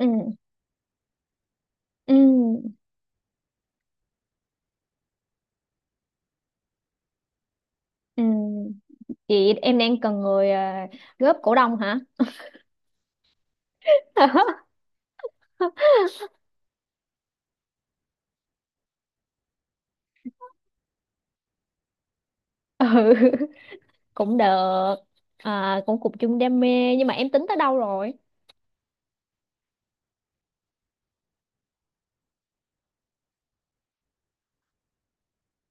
Ừ, ừ, ừ, chị em đang cần người góp cổ đông hả? Ừ, cũng được. Cũng cùng chung đam mê, nhưng mà em tính tới đâu rồi?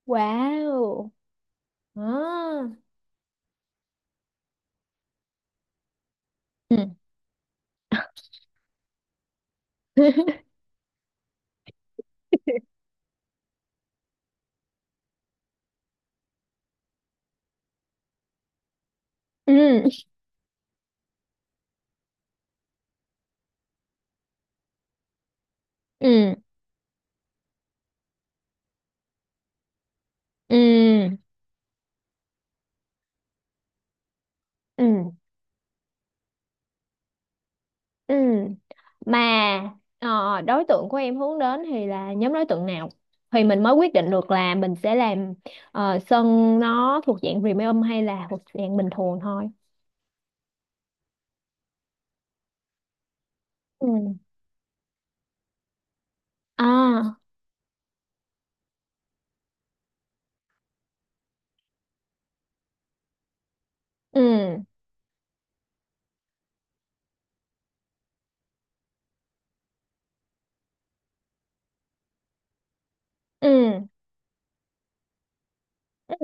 Wow. À. Ừ. Ừ, ừ, ừ, ừ, ừ. Mà đối tượng của em hướng đến thì là nhóm đối tượng nào thì mình mới quyết định được là mình sẽ làm, sân nó thuộc dạng premium hay là thuộc dạng bình thường thôi? Ừ. À. Ừ, ừ, ừ,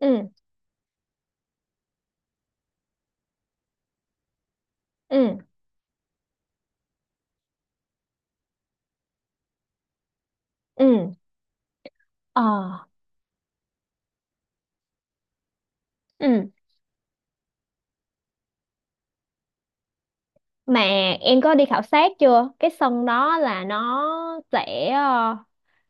ừ, ừ, ừ, ờ, ừ. Mà em có đi khảo sát chưa, cái sân đó là nó sẽ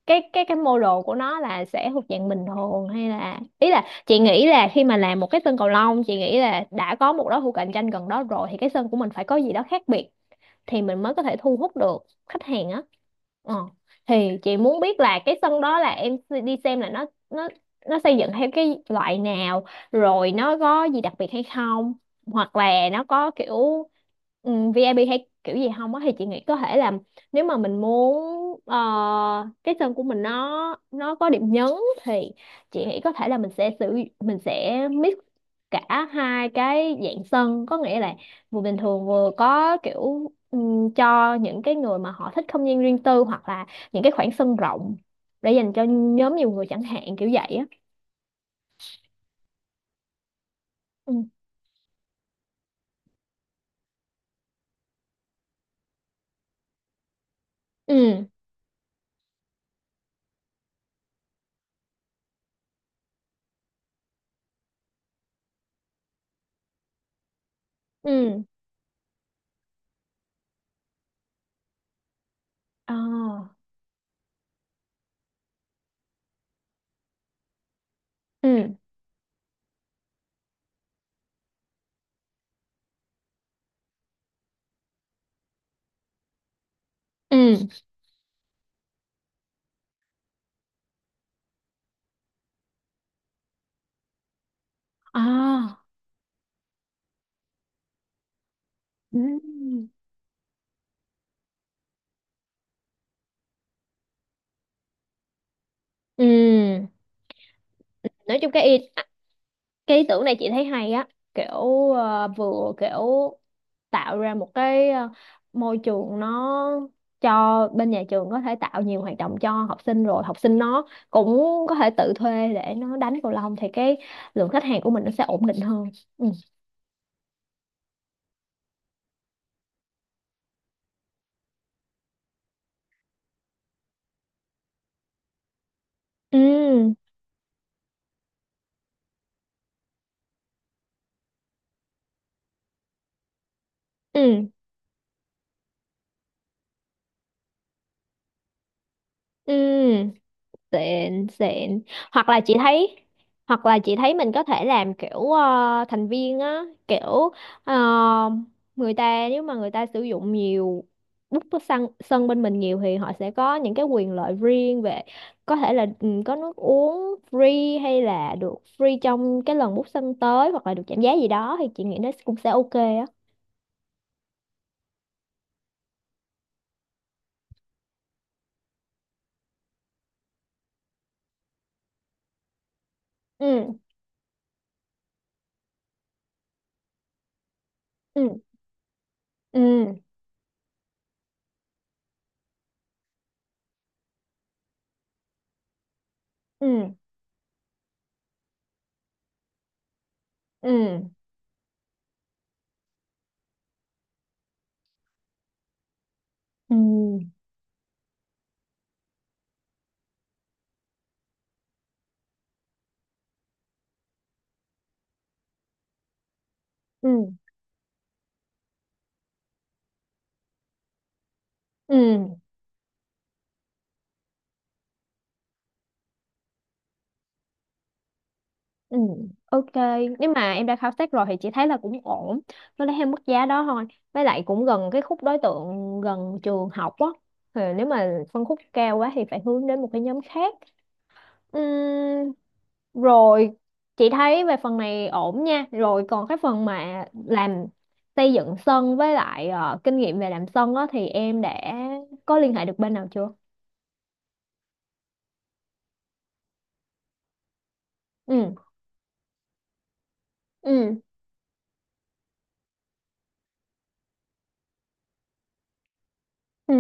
cái mô đồ của nó là sẽ thuộc dạng bình thường hay là, ý là chị nghĩ là khi mà làm một cái sân cầu lông, chị nghĩ là đã có một đối thủ cạnh tranh gần đó rồi thì cái sân của mình phải có gì đó khác biệt thì mình mới có thể thu hút được khách hàng á. Ờ. Thì chị muốn biết là cái sân đó là em s- đi xem là nó nó xây dựng theo cái loại nào, rồi nó có gì đặc biệt hay không, hoặc là nó có kiểu VIP hay kiểu gì không á, thì chị nghĩ có thể là, nếu mà mình muốn ờ, cái sân của mình nó có điểm nhấn thì chị nghĩ có thể là mình sẽ mix cả hai cái dạng sân, có nghĩa là vừa bình thường vừa có kiểu cho những cái người mà họ thích không gian riêng tư, hoặc là những cái khoảng sân rộng để dành cho nhóm nhiều người chẳng hạn, kiểu vậy á. Ừ, ừ, ừ, à, ừ, ừ, à, ừ, ừ. Nói chung cái cái ý tưởng này chị thấy hay á, kiểu vừa kiểu tạo ra một cái môi trường nó cho bên nhà trường có thể tạo nhiều hoạt động cho học sinh, rồi học sinh nó cũng có thể tự thuê để nó đánh cầu lông, thì cái lượng khách hàng của mình nó sẽ ổn định hơn. Ừ, ừ, ừ, ừ. Xịn xịn. hoặc là chị thấy Hoặc là chị thấy mình có thể làm kiểu thành viên á, kiểu ờ, người ta nếu mà người ta sử dụng nhiều, bút có sân sân bên mình nhiều thì họ sẽ có những cái quyền lợi riêng, về có thể là ừ, có nước uống free, hay là được free trong cái lần bút sân tới, hoặc là được giảm giá gì đó, thì chị nghĩ nó cũng sẽ ok á. Ừ, ừ, ừ, ừ, ừ, ừ, ừ. Ừ, ok. Nếu mà em đã khảo sát rồi thì chị thấy là cũng ổn. Nó lấy theo mức giá đó thôi. Với lại cũng gần cái khúc đối tượng gần trường học á. Thì nếu mà phân khúc cao quá thì phải hướng đến một cái nhóm khác. Ừm. Rồi, chị thấy về phần này ổn nha. Rồi còn cái phần mà làm xây dựng sân, với lại kinh nghiệm về làm sân á, thì em đã có liên hệ được bên nào chưa? Ừ, ừ, ừ,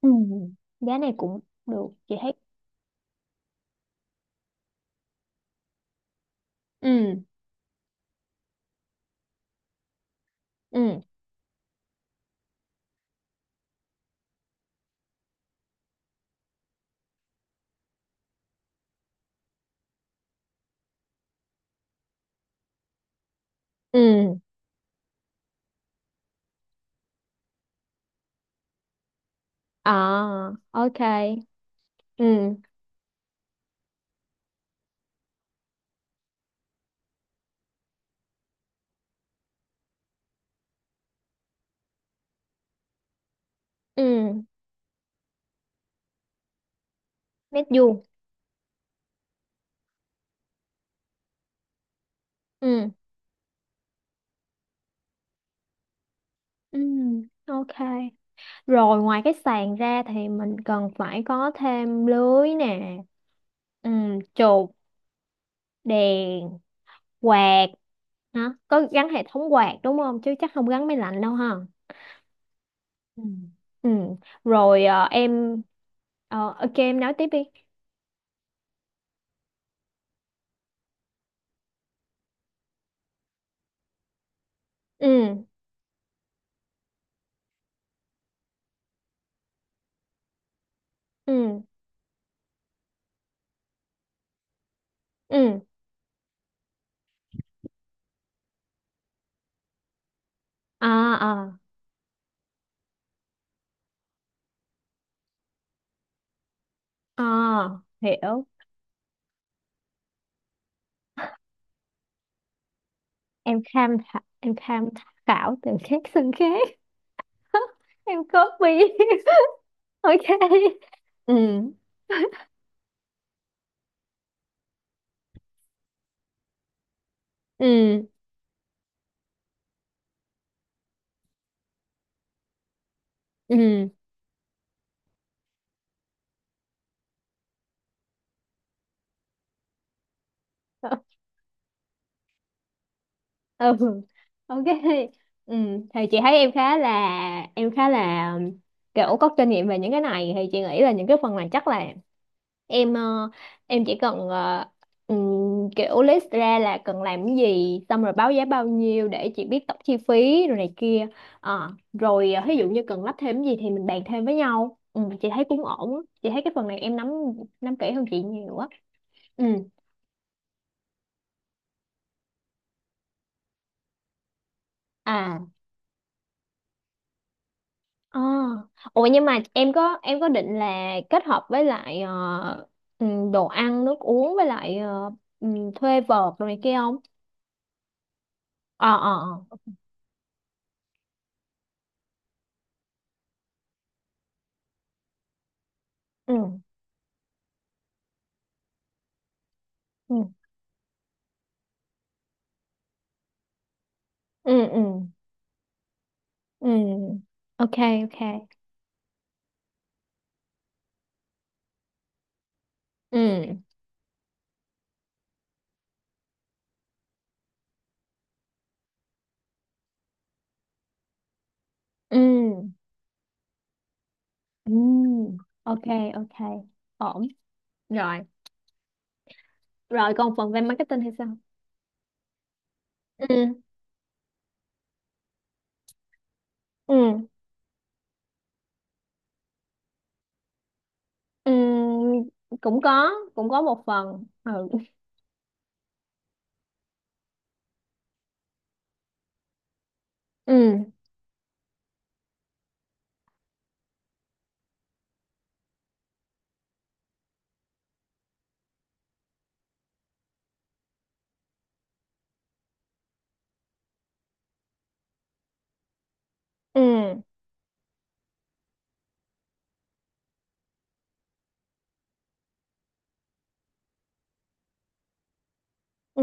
ừ. Giá này cũng được, chị thấy. Ừ, ừ. Ừ. À, ok. Ừ, ừ, nét vuông. Ừ, ừ, ok. Rồi ngoài cái sàn ra thì mình cần phải có thêm lưới nè, ừ, chụp, đèn, quạt. Hả? Có gắn hệ thống quạt đúng không? Chứ chắc không gắn máy lạnh đâu ha. Ừ. Ừ, rồi em... Ờ, ok, em nói tiếp đi. Ừ, ừ, ừ. À, à, à, hiểu. Em tham khảo từ các xương khác. Em copy. Ok. Ừ, ừ, ừ. Ừ, ok, ừ. Thì chị thấy em khá là kiểu có kinh nghiệm về những cái này, thì chị nghĩ là những cái phần này chắc là em em chỉ cần kiểu list ra là cần làm cái gì, xong rồi báo giá bao nhiêu để chị biết tổng chi phí rồi này kia. Ờ, rồi ví dụ như cần lắp thêm cái gì thì mình bàn thêm với nhau. Ừ, chị thấy cũng ổn á. Chị thấy cái phần này em nắm nắm kỹ hơn chị nhiều á. Ừ, à, ờ. Ủa nhưng mà em có định là kết hợp với lại đồ ăn nước uống, với lại thuê vợt rồi này kia không? Ờ, ờ, ờ, ừ, ừ, ừ, ừ, ừ, ok, ok, ừ, ừ, ừ, ok, ok, ổn. Rồi, rồi còn phần về marketing hay sao? Ừ, ừ, ừ. Cũng có, cũng có một phần. Ừ, ừ, ừ, ừ,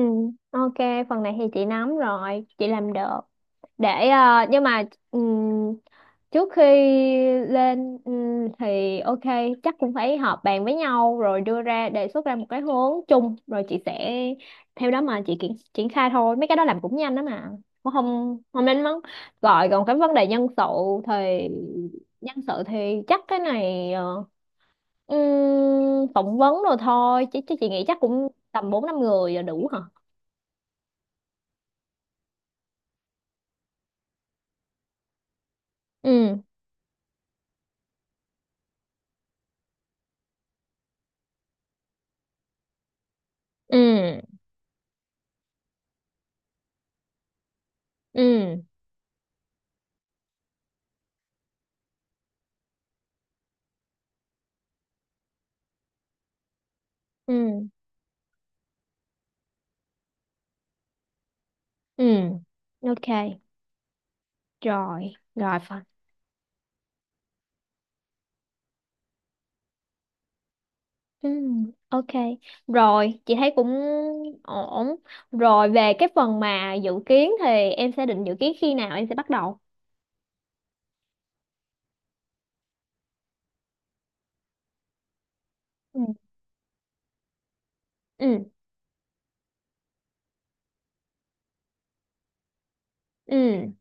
ok. Phần này thì chị nắm rồi, chị làm được. Để nhưng mà ừ, trước khi lên ừ, thì ok, chắc cũng phải họp bàn với nhau rồi đưa ra đề xuất ra một cái hướng chung, rồi chị sẽ theo đó mà chị triển triển khai thôi. Mấy cái đó làm cũng nhanh đó mà, cũng không không nên mắng gọi. Còn cái vấn đề nhân sự thì, nhân sự thì chắc cái này phỏng vấn rồi thôi chứ, chứ chị nghĩ chắc cũng tầm bốn năm người là đủ hả? Ừ, ừ, ừ, ừ, ừ, ok, rồi, rồi. Ừ, ok, rồi, chị thấy cũng ổn. Rồi về cái phần mà dự kiến thì em sẽ định dự kiến khi nào em sẽ bắt đầu? Ừ. Ừ, ừ,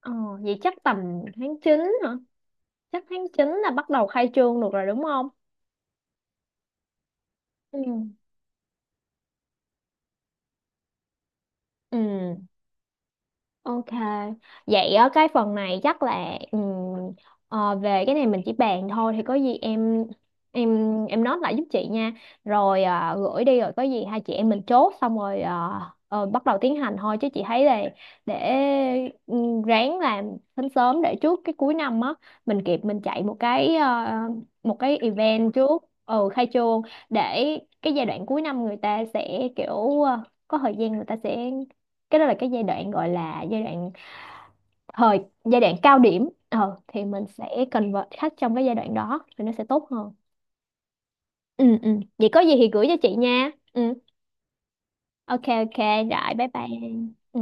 ờ, vậy chắc tầm tháng 9 hả? Chắc tháng 9 là bắt đầu khai trương được rồi đúng không? Ừ, ừ. Ok, vậy ở cái phần này chắc là về cái này mình chỉ bàn thôi, thì có gì em em nói lại giúp chị nha. Rồi gửi đi rồi có gì hai chị em mình chốt xong, rồi bắt đầu tiến hành thôi, chứ chị thấy là để ráng làm sớm sớm để trước cái cuối năm á, mình kịp mình chạy một cái một cái event trước ừ khai trương, để cái giai đoạn cuối năm người ta sẽ kiểu có thời gian người ta sẽ, cái đó là cái giai đoạn gọi là giai đoạn cao điểm, thì mình sẽ convert khách trong cái giai đoạn đó thì nó sẽ tốt hơn. Ừ, ừ, vậy có gì thì gửi cho chị nha. Ừ, ok, ok. Rồi bye bye. Ừ.